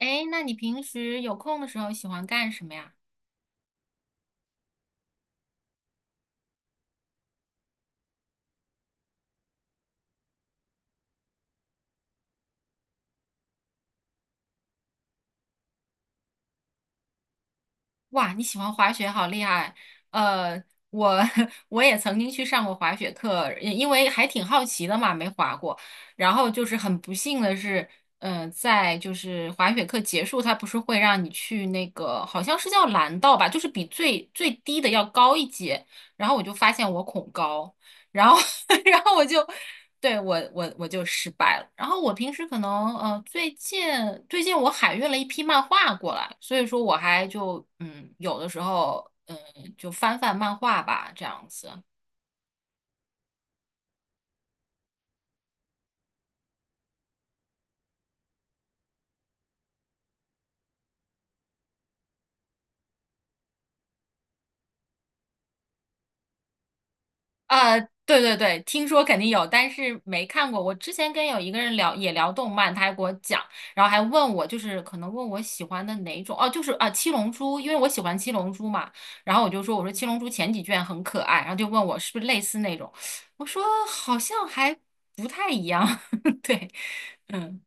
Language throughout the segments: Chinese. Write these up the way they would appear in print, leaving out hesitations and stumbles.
哎，那你平时有空的时候喜欢干什么呀？哇，你喜欢滑雪，好厉害！呃，我 我也曾经去上过滑雪课，因为还挺好奇的嘛，没滑过。然后就是很不幸的是，在就是滑雪课结束，他不是会让你去那个好像是叫蓝道吧，就是比最最低的要高一阶。然后我就发现我恐高。然后 然后我就对我就失败了。然后我平时可能最近我海运了一批漫画过来，所以说我还就有的时候就翻翻漫画吧这样子。啊，对对对，听说肯定有，但是没看过。我之前跟有一个人聊，也聊动漫，他还给我讲，然后还问我，就是可能问我喜欢的哪种，哦，就是啊，《七龙珠》，因为我喜欢《七龙珠》嘛，然后我就说，我说《七龙珠》前几卷很可爱，然后就问我是不是类似那种，我说好像还不太一样，对，嗯。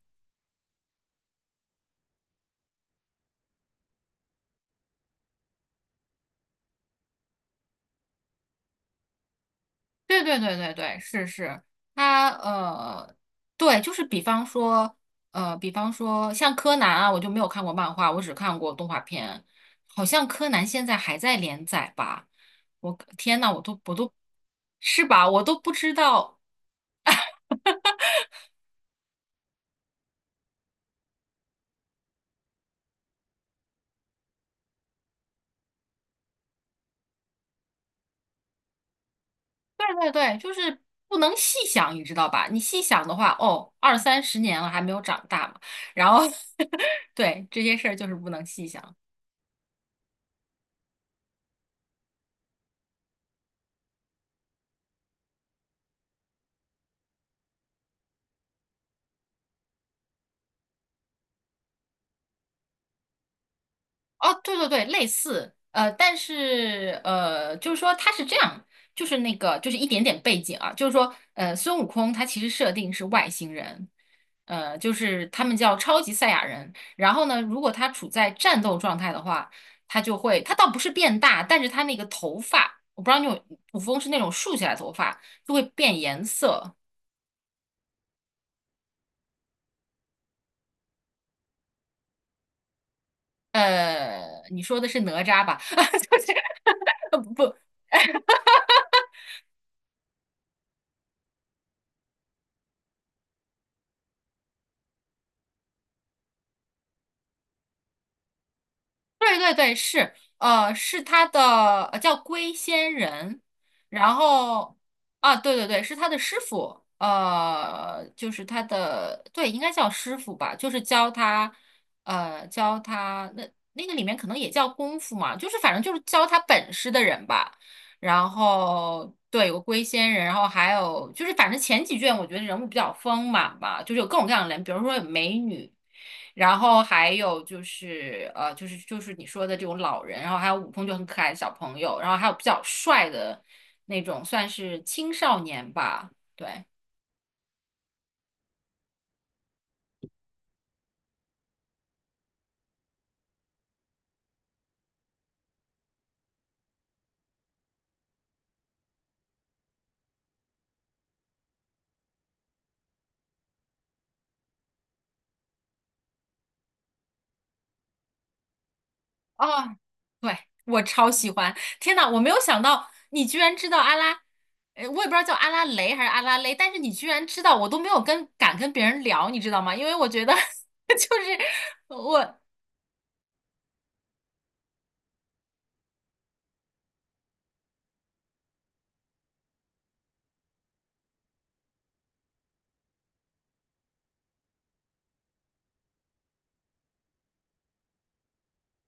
对对对对对，是是，他对，就是比方说，比方说像柯南啊，我就没有看过漫画，我只看过动画片。好像柯南现在还在连载吧？我天呐，我都我都是吧？我都不知道。对对对，就是不能细想，你知道吧？你细想的话，哦，二三十年了还没有长大嘛。然后 对，这些事儿就是不能细想。哦，对对对，类似，但是就是说它是这样，就是那个，就是一点点背景啊，就是说，孙悟空他其实设定是外星人，就是他们叫超级赛亚人。然后呢，如果他处在战斗状态的话，他就会，他倒不是变大，但是他那个头发，我不知道你有，古风是那种竖起来的头发，就会变颜色。你说的是哪吒吧？就是不，对对对，是，是他的，叫龟仙人，然后啊，对对对，是他的师傅，就是他的，对，应该叫师傅吧，就是教他那个里面可能也叫功夫嘛，就是反正就是教他本事的人吧。然后对，有个龟仙人，然后还有就是反正前几卷我觉得人物比较丰满吧，就是有各种各样的人，比如说有美女。然后还有就是就是你说的这种老人，然后还有舞风就很可爱的小朋友，然后还有比较帅的那种，算是青少年吧。对，哦，对，我超喜欢！天呐，我没有想到你居然知道阿拉，我也不知道叫阿拉蕾还是阿拉蕾，但是你居然知道，我都没有敢跟别人聊，你知道吗？因为我觉得 就是我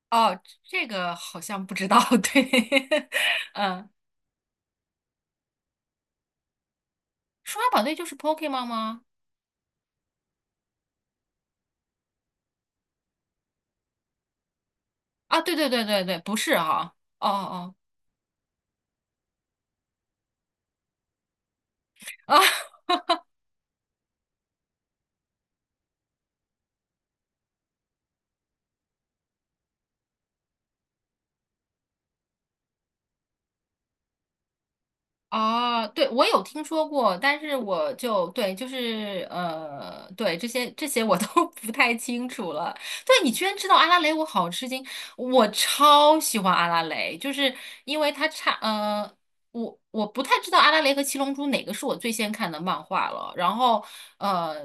哦，这个好像不知道，对，嗯，数码宝贝就是 Pokemon 吗？啊，对对对对对，不是哈、哦哦哦，啊，哦，对，我有听说过，但是我就对，就是对这些我都 不太清楚了。对，你居然知道阿拉蕾，我好吃惊！我超喜欢阿拉蕾，就是因为我不太知道阿拉蕾和七龙珠哪个是我最先看的漫画了。然后呃，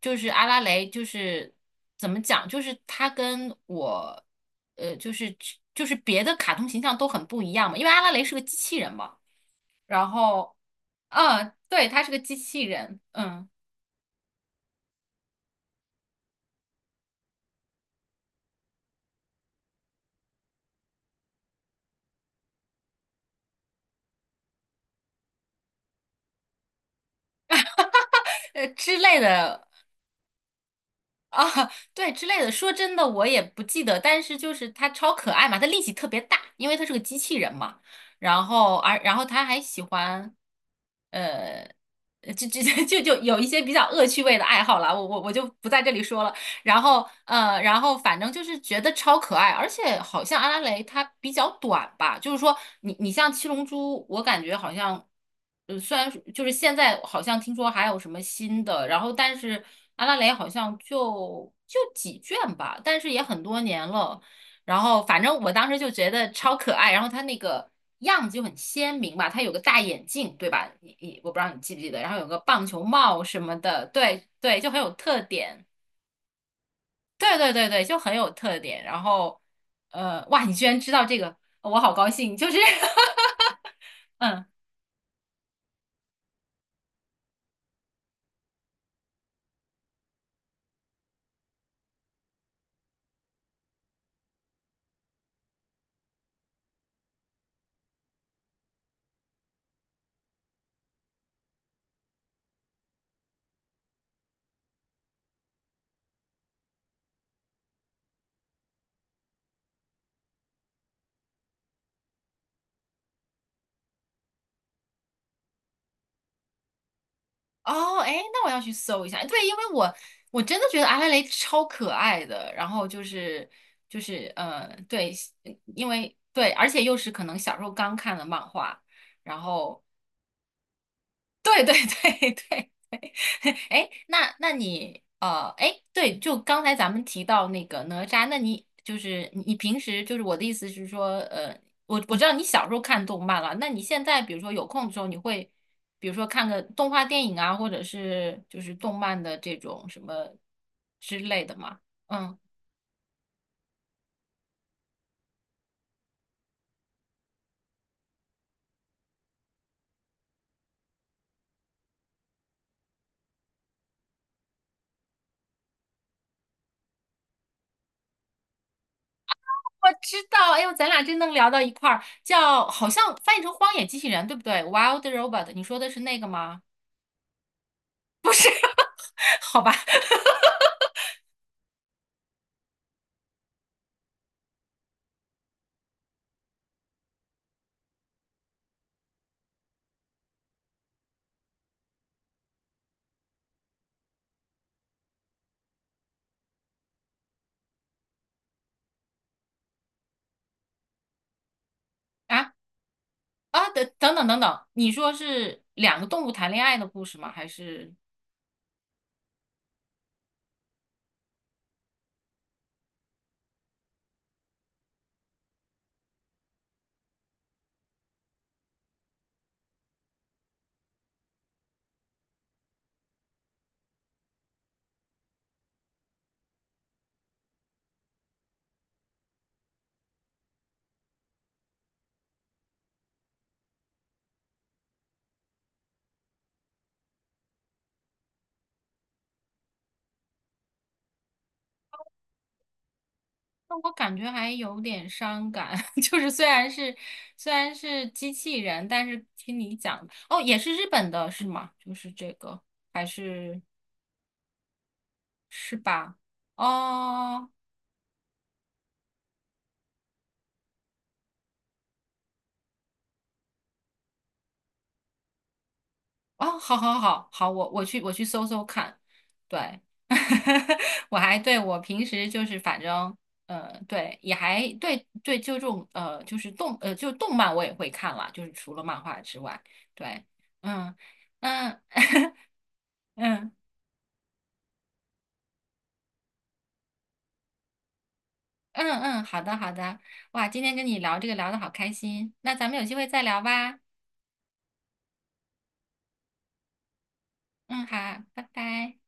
就是阿拉蕾，就是怎么讲，就是它跟我呃，就是就是别的卡通形象都很不一样嘛，因为阿拉蕾是个机器人嘛。然后，对，他是个机器人，之类的啊，对之类的。说真的，我也不记得，但是就是他超可爱嘛，他力气特别大，因为他是个机器人嘛。然后，而然后他还喜欢，呃，就 就有一些比较恶趣味的爱好啦，我就不在这里说了。然后然后反正就是觉得超可爱，而且好像阿拉蕾它比较短吧，就是说你像七龙珠，我感觉好像，虽然就是现在好像听说还有什么新的，然后但是阿拉蕾好像就几卷吧，但是也很多年了，然后反正我当时就觉得超可爱，然后它那个样子就很鲜明吧，它有个大眼镜，对吧？你我不知道你记不记得，然后有个棒球帽什么的，对对，就很有特点。对对对对，就很有特点。然后，哇，你居然知道这个，我好高兴。就是 嗯，哦，哎，那我要去搜一下。对，因为我真的觉得阿拉蕾超可爱的。然后就是对，因为对，而且又是可能小时候刚看的漫画，然后对对对 对，哎，那你，哎，对，就刚才咱们提到那个哪吒，那你就是你平时就是我的意思是说，我知道你小时候看动漫了，那你现在比如说有空的时候，你会比如说看个动画电影啊，或者是就是动漫的这种什么之类的吗？嗯，我知道，哎呦，咱俩真能聊到一块儿，叫好像翻译成《荒野机器人》，对不对？Wild Robot，你说的是那个吗？好吧。啊。啊，等等等等等，你说是两个动物谈恋爱的故事吗？还是？那我感觉还有点伤感，就是虽然是机器人，但是听你讲，哦，也是日本的是吗？就是这个，还是是吧？哦哦，好好好好，我去搜搜看，对，我还对我平时就是反正对也还对对就这种就是就动漫我也会看了，就是除了漫画之外，对，嗯嗯 嗯嗯嗯，好的好的，哇，今天跟你聊这个聊得好开心，那咱们有机会再聊吧，嗯好，拜拜。